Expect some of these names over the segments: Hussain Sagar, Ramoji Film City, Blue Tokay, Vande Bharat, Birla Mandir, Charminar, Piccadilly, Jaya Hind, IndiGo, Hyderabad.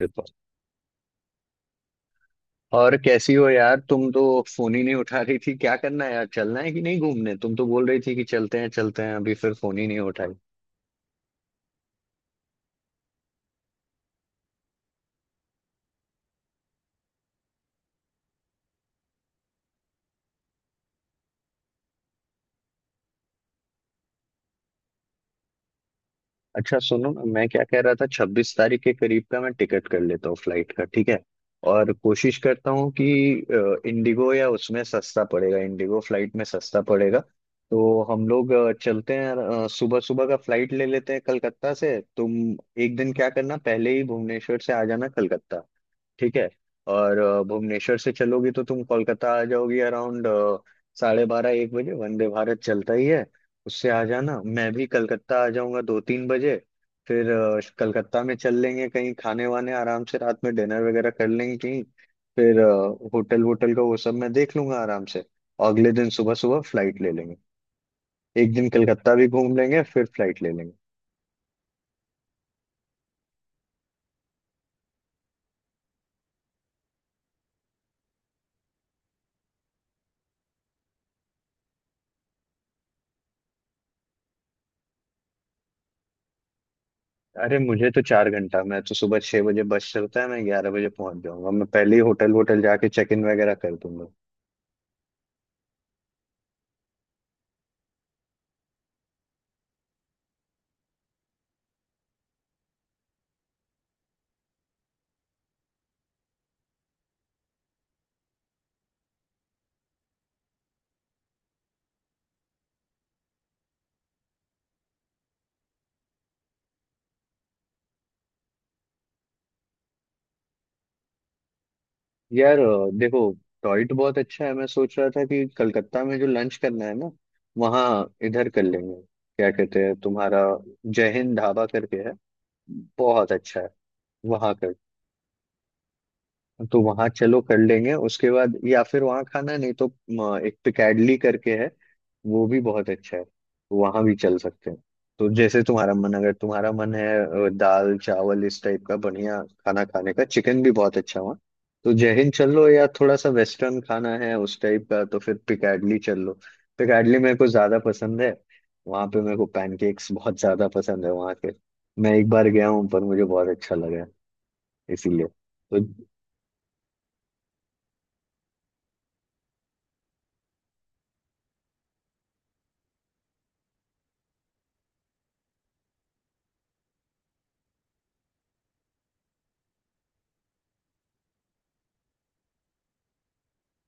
बिल्कुल। और कैसी हो यार? तुम तो फोन ही नहीं उठा रही थी। क्या करना है यार? चलना है कि नहीं घूमने? तुम तो बोल रही थी कि चलते हैं अभी, फिर फोन ही नहीं उठाई। अच्छा सुनो ना, मैं क्या कह रहा था, 26 तारीख के करीब का मैं टिकट कर लेता हूँ फ्लाइट का, ठीक है? और कोशिश करता हूँ कि इंडिगो या उसमें सस्ता पड़ेगा, इंडिगो फ्लाइट में सस्ता पड़ेगा। तो हम लोग चलते हैं, सुबह सुबह का फ्लाइट ले लेते हैं कलकत्ता से। तुम एक दिन क्या करना, पहले ही भुवनेश्वर से आ जाना कलकत्ता, ठीक है? और भुवनेश्वर से चलोगी तो तुम कोलकाता आ जाओगी अराउंड 12:30-1 बजे, वंदे भारत चलता ही है, उससे आ जाना। मैं भी कलकत्ता आ जाऊंगा 2-3 बजे। फिर कलकत्ता में चल लेंगे कहीं खाने वाने, आराम से रात में डिनर वगैरह कर लेंगे कहीं। फिर होटल वोटल का वो सब मैं देख लूंगा आराम से। अगले दिन सुबह सुबह फ्लाइट ले लेंगे। एक दिन कलकत्ता भी घूम लेंगे, फिर फ्लाइट ले लेंगे। अरे मुझे तो 4 घंटा, मैं तो सुबह 6 बजे बस चलता है, मैं 11 बजे पहुंच जाऊंगा। मैं पहले ही होटल वोटल जाके चेक इन वगैरह कर दूंगा। यार देखो, टॉयट बहुत अच्छा है। मैं सोच रहा था कि कलकत्ता में जो लंच करना है ना, वहाँ इधर कर लेंगे। क्या कहते हैं तुम्हारा, जय हिंद ढाबा करके है, बहुत अच्छा है, वहाँ कर। तो वहां चलो कर लेंगे उसके बाद, या फिर वहां खाना नहीं तो एक पिकैडली करके है, वो भी बहुत अच्छा है, वहां भी चल सकते हैं। तो जैसे तुम्हारा मन, अगर तुम्हारा मन है दाल चावल इस टाइप का बढ़िया खाना खाने का, चिकन भी बहुत अच्छा वहाँ, तो जय हिंद चल लो, या थोड़ा सा वेस्टर्न खाना है उस टाइप का तो फिर पिकैडली चल लो। पिकैडली मेरे को ज्यादा पसंद है। वहां पे मेरे को पैनकेक्स बहुत ज्यादा पसंद है वहां के। मैं एक बार गया हूँ पर मुझे बहुत अच्छा लगा है, इसीलिए तो।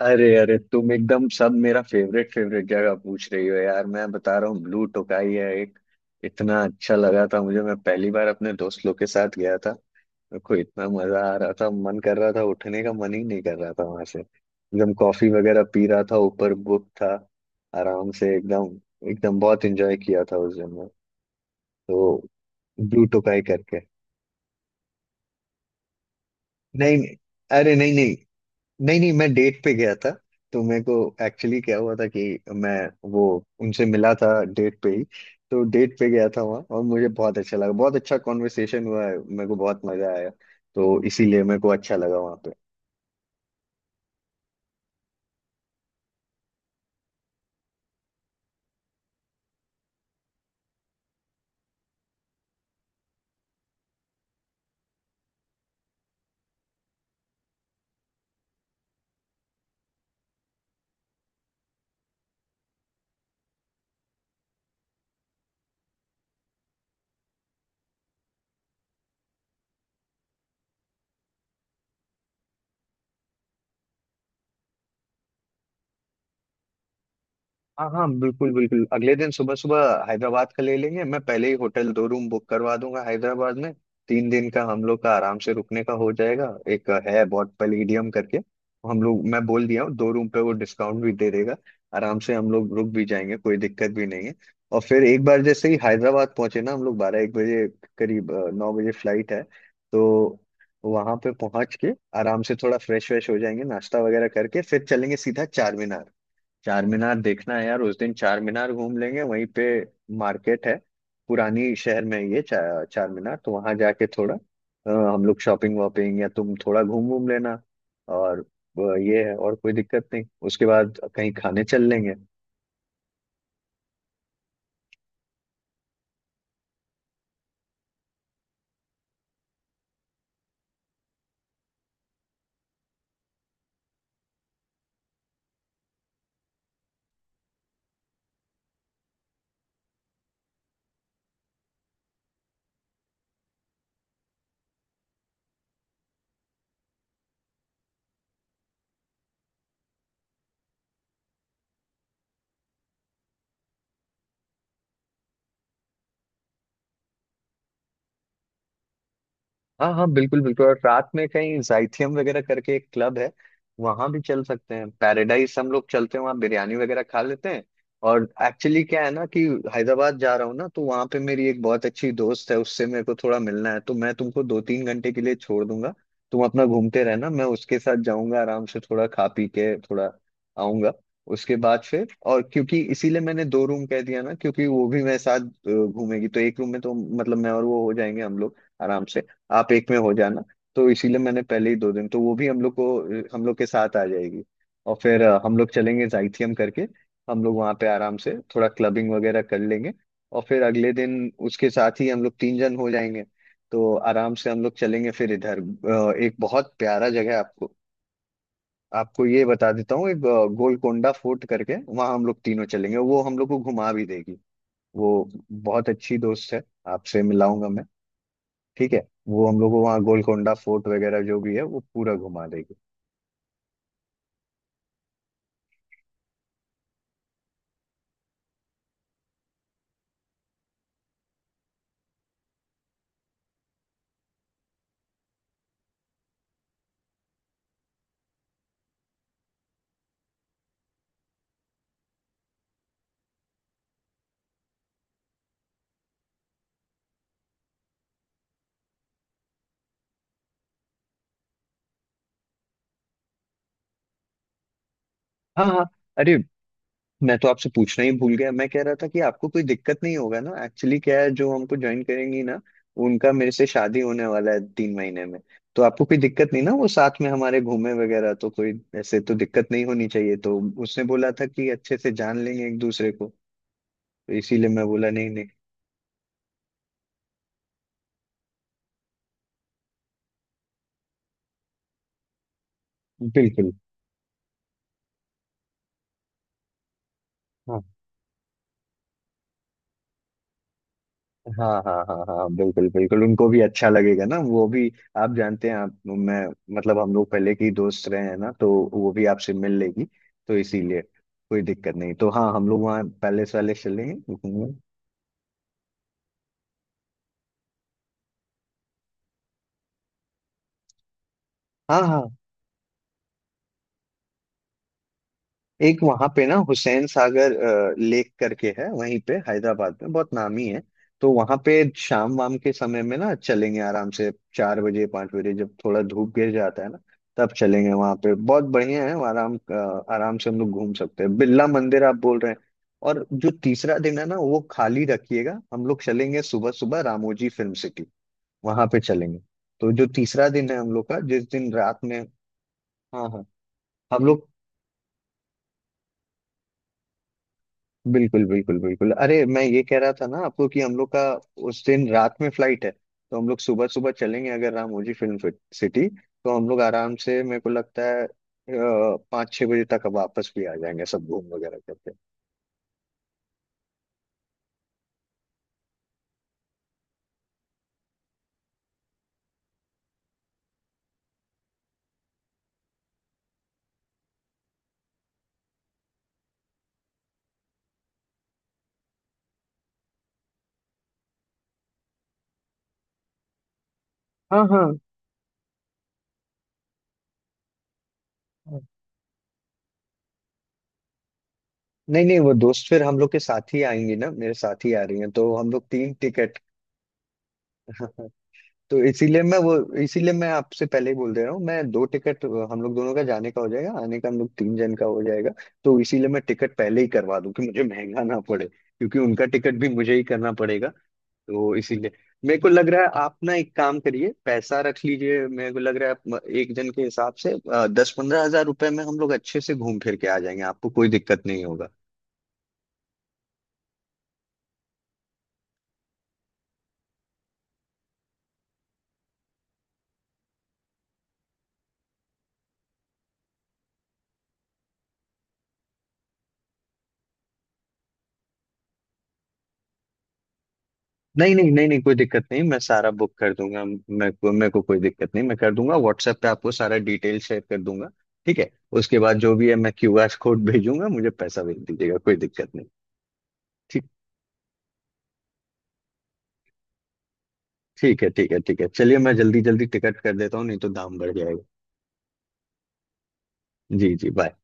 अरे अरे, तुम एकदम सब मेरा फेवरेट फेवरेट जगह पूछ रही हो यार। मैं बता रहा हूँ, ब्लू टोकाई है एक, इतना अच्छा लगा था मुझे। मैं पहली बार अपने दोस्त लोग के साथ गया था, मेरे को इतना मजा आ रहा था, मन कर रहा था, उठने का मन ही नहीं कर रहा था वहां से। एकदम कॉफी वगैरह पी रहा था, ऊपर बुक था, आराम से एकदम एकदम बहुत एंजॉय किया था उस दिन में तो। ब्लू टोकाई करके। नहीं नहीं, अरे नहीं नहीं, नहीं नहीं मैं डेट पे गया था। तो मेरे को एक्चुअली क्या हुआ था कि मैं, वो, उनसे मिला था डेट पे ही। तो डेट पे गया था वहाँ और मुझे बहुत अच्छा लगा, बहुत अच्छा कॉन्वर्सेशन हुआ है, मेरे को बहुत मजा आया। तो इसीलिए मेरे को अच्छा लगा वहाँ। हाँ हाँ, बिल्कुल बिल्कुल, अगले दिन सुबह सुबह हैदराबाद का ले लेंगे। मैं पहले ही होटल 2 रूम बुक करवा दूंगा हैदराबाद में। 3 दिन का हम लोग का आराम से रुकने का हो जाएगा। एक है बहुत पैलेडियम करके। हम लोग, मैं बोल दिया हूँ 2 रूम पे, वो डिस्काउंट भी दे देगा। आराम से हम लोग रुक भी जाएंगे, कोई दिक्कत भी नहीं है। और फिर एक बार जैसे ही हैदराबाद पहुंचे ना हम लोग, 12-1 बजे करीब 9 बजे फ्लाइट है तो। वहां पे पहुंच के आराम से थोड़ा फ्रेश व्रेश हो जाएंगे, नाश्ता वगैरह करके फिर चलेंगे सीधा चार, चार मीनार देखना है यार। उस दिन चार मीनार घूम लेंगे, वहीं पे मार्केट है पुरानी शहर में ये चार मीनार। तो वहां जाके थोड़ा हम लोग शॉपिंग वॉपिंग, या तुम थोड़ा घूम घूम लेना। और ये है, और कोई दिक्कत नहीं, उसके बाद कहीं खाने चल लेंगे। हाँ हाँ, बिल्कुल बिल्कुल। और रात में कहीं जाइथियम वगैरह करके एक क्लब है, वहां भी चल सकते हैं। पैराडाइज हम लोग चलते हैं, वहाँ बिरयानी वगैरह खा लेते हैं। और एक्चुअली क्या है ना कि हैदराबाद जा रहा हूँ ना, तो वहाँ पे मेरी एक बहुत अच्छी दोस्त है, उससे मेरे को थोड़ा मिलना है, तो मैं तुमको 2-3 घंटे के लिए छोड़ दूंगा। तुम अपना घूमते रहना, मैं उसके साथ जाऊंगा, आराम से थोड़ा खा पी के थोड़ा आऊंगा। उसके बाद फिर, और क्योंकि इसीलिए मैंने 2 रूम कह दिया ना, क्योंकि वो भी मेरे साथ घूमेगी तो एक रूम में तो, मतलब मैं और वो हो जाएंगे हम लोग आराम से, आप एक में हो जाना। तो इसीलिए मैंने पहले ही 2 दिन, तो वो भी हम लोग को हम लोग के साथ आ जाएगी। और फिर हम लोग चलेंगे जाइथियम करके, हम लोग वहाँ पे आराम से थोड़ा क्लबिंग वगैरह कर लेंगे। और फिर अगले दिन उसके साथ ही हम लोग 3 जन हो जाएंगे। तो आराम से हम लोग चलेंगे। फिर इधर एक बहुत प्यारा जगह है आपको आपको ये बता देता हूँ, एक गोलकोंडा फोर्ट करके, वहाँ हम लोग तीनों चलेंगे, वो हम लोग को घुमा भी देगी। वो बहुत अच्छी दोस्त है, आपसे मिलाऊंगा मैं, ठीक है? वो हम लोग को वहाँ गोलकोंडा फोर्ट वगैरह जो भी है वो पूरा घुमा देगी। हाँ हाँ। अरे मैं तो आपसे पूछना ही भूल गया, मैं कह रहा था कि आपको कोई दिक्कत नहीं होगा ना। एक्चुअली क्या है, जो हमको ज्वाइन करेंगी ना, उनका मेरे से शादी होने वाला है 3 महीने में। तो आपको कोई दिक्कत नहीं ना, वो साथ में हमारे घूमे वगैरह, तो कोई ऐसे तो दिक्कत नहीं होनी चाहिए। तो उसने बोला था कि अच्छे से जान लेंगे एक दूसरे को। तो इसीलिए मैं बोला, नहीं नहीं। बिल्कुल। हाँ हाँ हाँ हाँ, बिल्कुल बिल्कुल, उनको भी अच्छा लगेगा ना, वो भी आप जानते हैं। आप, मैं, मतलब हम लोग पहले के ही दोस्त रहे हैं ना, तो वो भी आपसे मिल लेगी। तो इसीलिए कोई दिक्कत नहीं। तो हाँ, हम लोग वहाँ पैलेस वैलेस चलेंगे घूमने। हाँ हाँ। एक वहां पे ना, हुसैन सागर लेक करके है वहीं पे हैदराबाद में, बहुत नामी है। तो वहां पे शाम वाम के समय में ना चलेंगे आराम से, 4 बजे 5 बजे जब थोड़ा धूप गिर जाता है ना, तब चलेंगे वहां पे। बहुत बढ़िया है वहाँ, आराम से हम लोग घूम सकते हैं। बिरला मंदिर आप बोल रहे हैं। और जो तीसरा दिन है ना, वो खाली रखिएगा, हम लोग चलेंगे सुबह सुबह रामोजी फिल्म सिटी। वहां पे चलेंगे। तो जो तीसरा दिन है हम लोग का, जिस दिन रात में। हाँ हाँ, हम लोग बिल्कुल बिल्कुल बिल्कुल। अरे मैं ये कह रहा था ना आपको कि हम लोग का उस दिन रात में फ्लाइट है, तो हम लोग सुबह सुबह चलेंगे अगर रामोजी फिल्म सिटी, तो हम लोग आराम से, मेरे को लगता है 5-6 बजे तक वापस भी आ जाएंगे सब घूम वगैरह करके। हाँ हाँ हाँ। नहीं नहीं, वो दोस्त फिर हम लोग के साथ ही आएंगी ना, मेरे साथ ही आ रही हैं, तो हम लोग 3 टिकट। तो इसीलिए मैं वो, इसीलिए मैं आपसे पहले ही बोल दे रहा हूँ, मैं 2 टिकट, हम लोग दोनों का जाने का हो जाएगा, आने का हम लोग 3 जन का हो जाएगा। तो इसीलिए मैं टिकट पहले ही करवा दूं कि मुझे महंगा ना पड़े, क्योंकि उनका टिकट भी मुझे ही करना पड़ेगा। तो इसीलिए मेरे को लग रहा है, आप ना एक काम करिए, पैसा रख लीजिए। मेरे को लग रहा है, आप एक जन के हिसाब से 10-15 हज़ार रुपए में हम लोग अच्छे से घूम फिर के आ जाएंगे, आपको कोई दिक्कत नहीं होगा। नहीं नहीं नहीं नहीं कोई दिक्कत नहीं, मैं सारा बुक कर दूंगा। मेरे को कोई दिक्कत नहीं, मैं कर दूंगा, व्हाट्सएप पे आपको सारा डिटेल शेयर कर दूंगा, ठीक है? उसके बाद जो भी है मैं क्यूआर कोड भेजूंगा, मुझे पैसा भेज दीजिएगा, कोई दिक्कत नहीं। ठीक। ठीक है ठीक है ठीक है, चलिए मैं जल्दी जल्दी टिकट कर देता हूँ, नहीं तो दाम बढ़ जाएगा। जी जी, बाय।